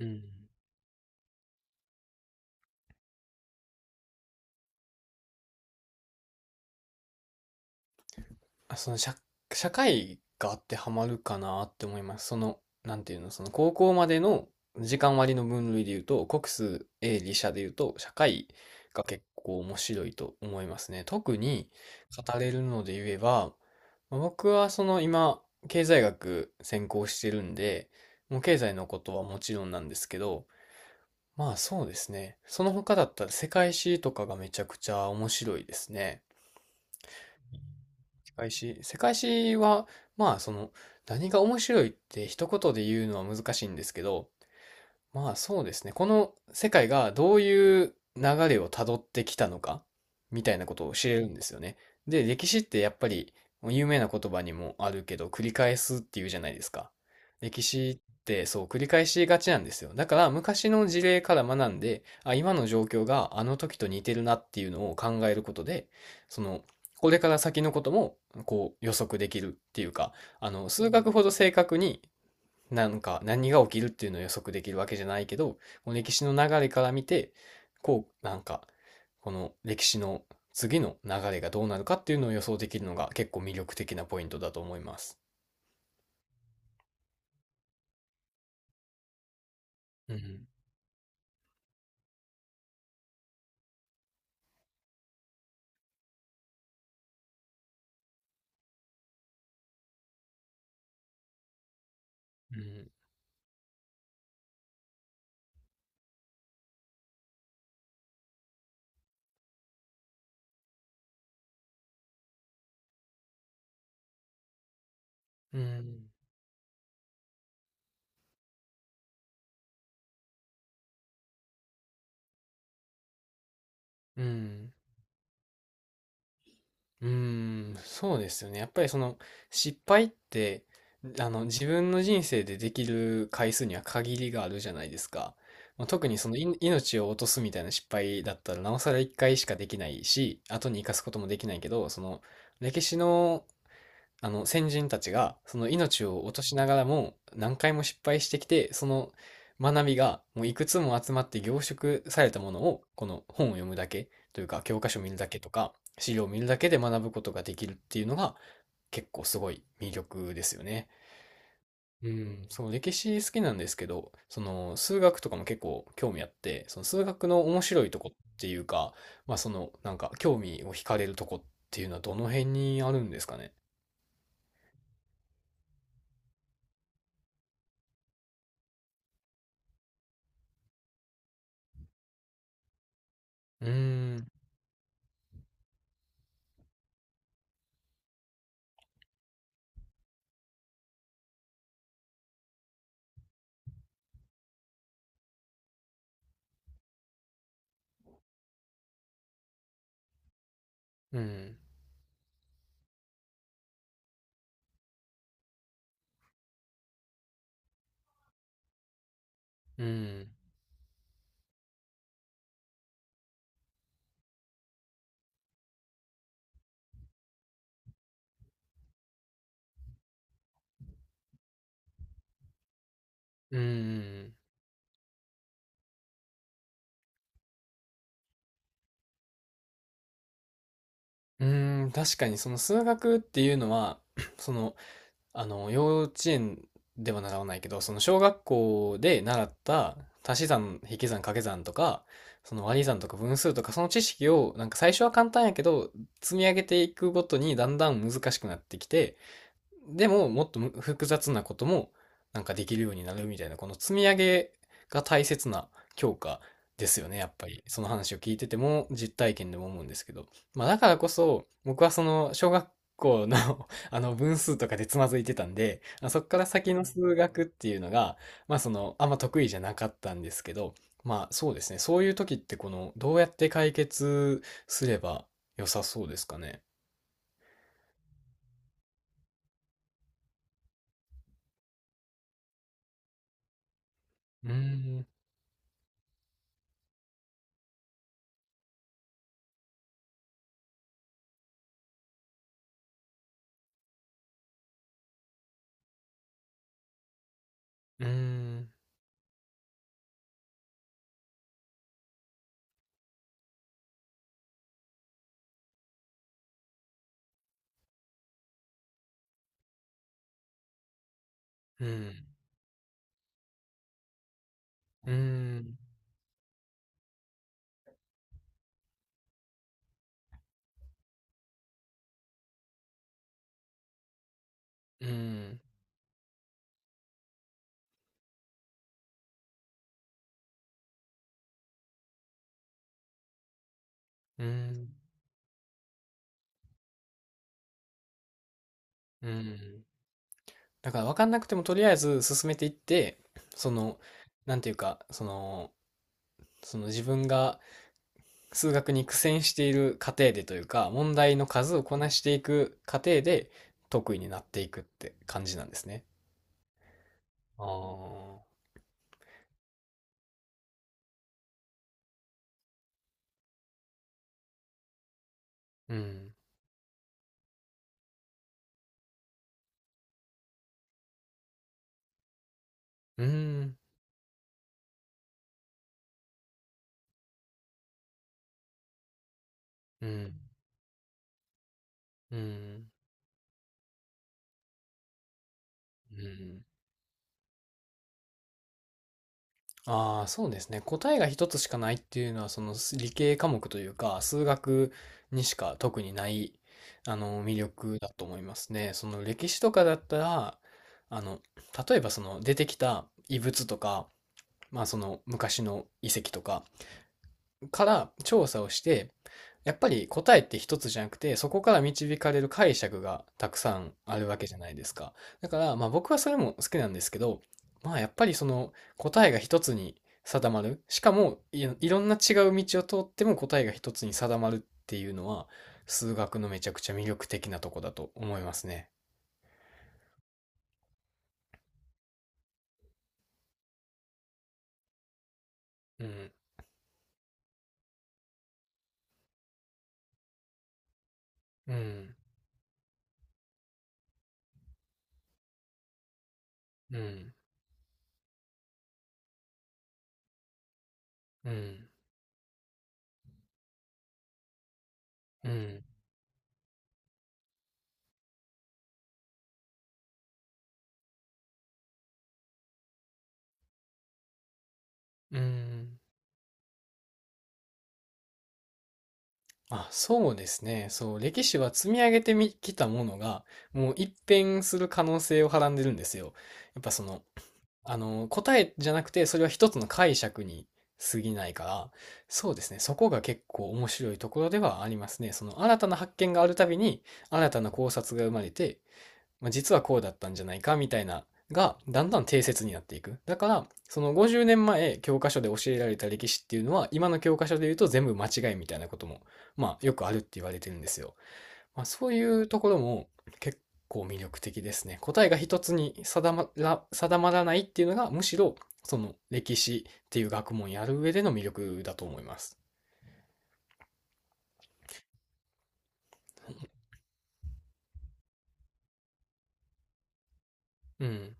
うん。あ、その社会が当てはまるかなって思います。その、なんていうの、その高校までの時間割の分類で言うと、国数、英、理、社で言うと、社会が結構面白いと思いますね。特に語れるので言えば、まあ僕はその今、経済学専攻してるんで、もう経済のことはもちろんなんですけど、まあそうですね。その他だったら世界史とかがめちゃくちゃ面白いですね。世界史。世界史は、まあ、その、何が面白いって一言で言うのは難しいんですけど、まあそうですね。この世界がどういう流れをたどってきたのかみたいなことを知れるんですよね。で、歴史ってやっぱり有名な言葉にもあるけど、繰り返すっていうじゃないですか。歴史ってそう繰り返しがちなんですよ。だから昔の事例から学んで、あ、今の状況があの時と似てるなっていうのを考えることで、その、これから先のこともこう予測できるっていうか、あの、数学ほど正確になんか何が起きるっていうのを予測できるわけじゃないけど、この歴史の流れから見て、こう、なんか、この歴史の次の流れがどうなるかっていうのを予想できるのが結構魅力的なポイントだと思います。うん。うん。うん。うん。うーん、そうですよね。やっぱりその失敗って、あの自分の人生でできる回数には限りがあるじゃないですか。まあ、特にその命を落とすみたいな失敗だったらなおさら1回しかできないし、後に生かすこともできないけど、その歴史のあの先人たちがその命を落としながらも何回も失敗してきて、その学びがもういくつも集まって凝縮されたものを、この本を読むだけというか、教科書を見るだけとか資料を見るだけで学ぶことができるっていうのが結構すごい魅力ですよね。うん、その歴史好きなんですけど、その数学とかも結構興味あって、その数学の面白いとこっていうか、まあそのなんか興味を惹かれるとこっていうのはどの辺にあるんですかね？うーん。うん。うん。うん。うん。確かにその数学っていうのは、その、あの、幼稚園では習わないけど、その小学校で習った足し算、引き算、掛け算とか、その割り算とか分数とか、その知識を、なんか最初は簡単やけど、積み上げていくごとにだんだん難しくなってきて、でももっと複雑なこともなんかできるようになるみたいな、この積み上げが大切な強化ですよね、やっぱり。その話を聞いてても実体験でも思うんですけど。まあだからこそ僕はその小学校の あの分数とかでつまずいてたんで、まあそこから先の数学っていうのが、まあそのあんま得意じゃなかったんですけど、まあそうですね、そういう時ってこのどうやって解決すれば良さそうですかね？うーん、うーん、うーん。うーん、うーん、うーん、うーん。だから分かんなくてもとりあえず進めていって、その、なんていうか、その、その自分が数学に苦戦している過程でというか、問題の数をこなしていく過程で得意になっていくって感じなんですね。ああ、うん、うん、うん、うん、うん。ああ、そうですね。答えが一つしかないっていうのは、その理系科目というか、数学にしか特にない、あの、魅力だと思いますね。その歴史とかだったら、あの、例えばその出てきた遺物とか、まあその昔の遺跡とか、から調査をして、やっぱり答えって一つじゃなくて、そこから導かれる解釈がたくさんあるわけじゃないですか。だから、まあ僕はそれも好きなんですけど、まあやっぱりその答えが一つに定まる。しかもろんな違う道を通っても答えが一つに定まるっていうのは、数学のめちゃくちゃ魅力的なとこだと思いますね。うん、うん、うん、うん、うん、うん。あ、そうですね。そう、歴史は積み上げてみきたものが、もう一変する可能性をはらんでるんですよ。やっぱその、あの、答えじゃなくて、それは一つの解釈に過ぎないから、そうですね。そこが結構面白いところではありますね。その、新たな発見があるたびに、新たな考察が生まれて、まあ、実はこうだったんじゃないかみたいながだんだん定説になっていく。だからその50年前教科書で教えられた歴史っていうのは、今の教科書で言うと全部間違いみたいなこともまあよくあるって言われてるんですよ。まあ、そういうところも結構魅力的ですね。答えが一つに定まらないっていうのがむしろその歴史っていう学問やる上での魅力だと思います。うん。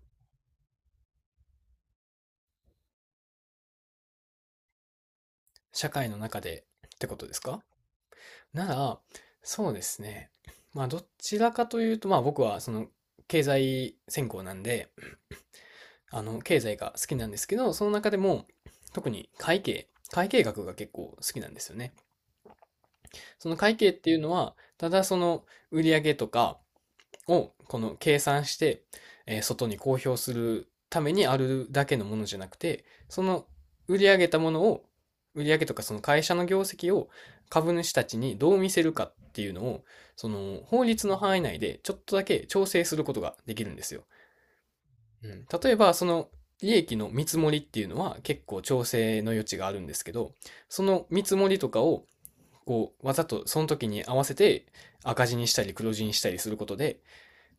社会の中でってことですか？なら、そうですね。まあ、どちらかというと、まあ、僕は、その、経済専攻なんで、あの、経済が好きなんですけど、その中でも、特に会計、会計学が結構好きなんですよね。その会計っていうのは、ただその売上とか、を、この計算して、外に公表するためにあるだけのものじゃなくて、その売り上げたものを、売り上げとかその会社の業績を株主たちにどう見せるかっていうのを、その法律の範囲内でちょっとだけ調整することができるんですよ。うん、例えば、その利益の見積もりっていうのは結構調整の余地があるんですけど、その見積もりとかをこうわざとその時に合わせて赤字にしたり黒字にしたりすることで、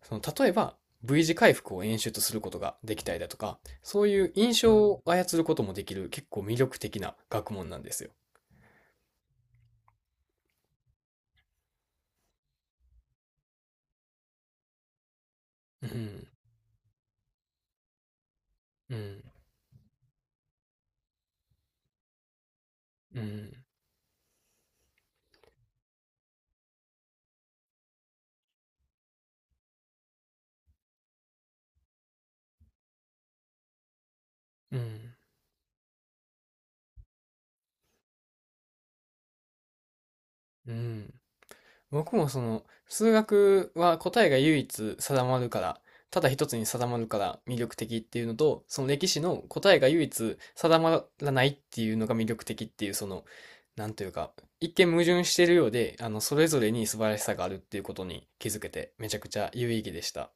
その例えば V 字回復を演出することができたりだとか、そういう印象を操ることもできる結構魅力的な学問なんですよ。うん、うん、うん、うん、うん。僕もその、数学は答えが唯一定まるから、ただ一つに定まるから魅力的っていうのと、その歴史の答えが唯一定まらないっていうのが魅力的っていう、その、なんというか、一見矛盾しているようで、あの、それぞれに素晴らしさがあるっていうことに気づけて、めちゃくちゃ有意義でした。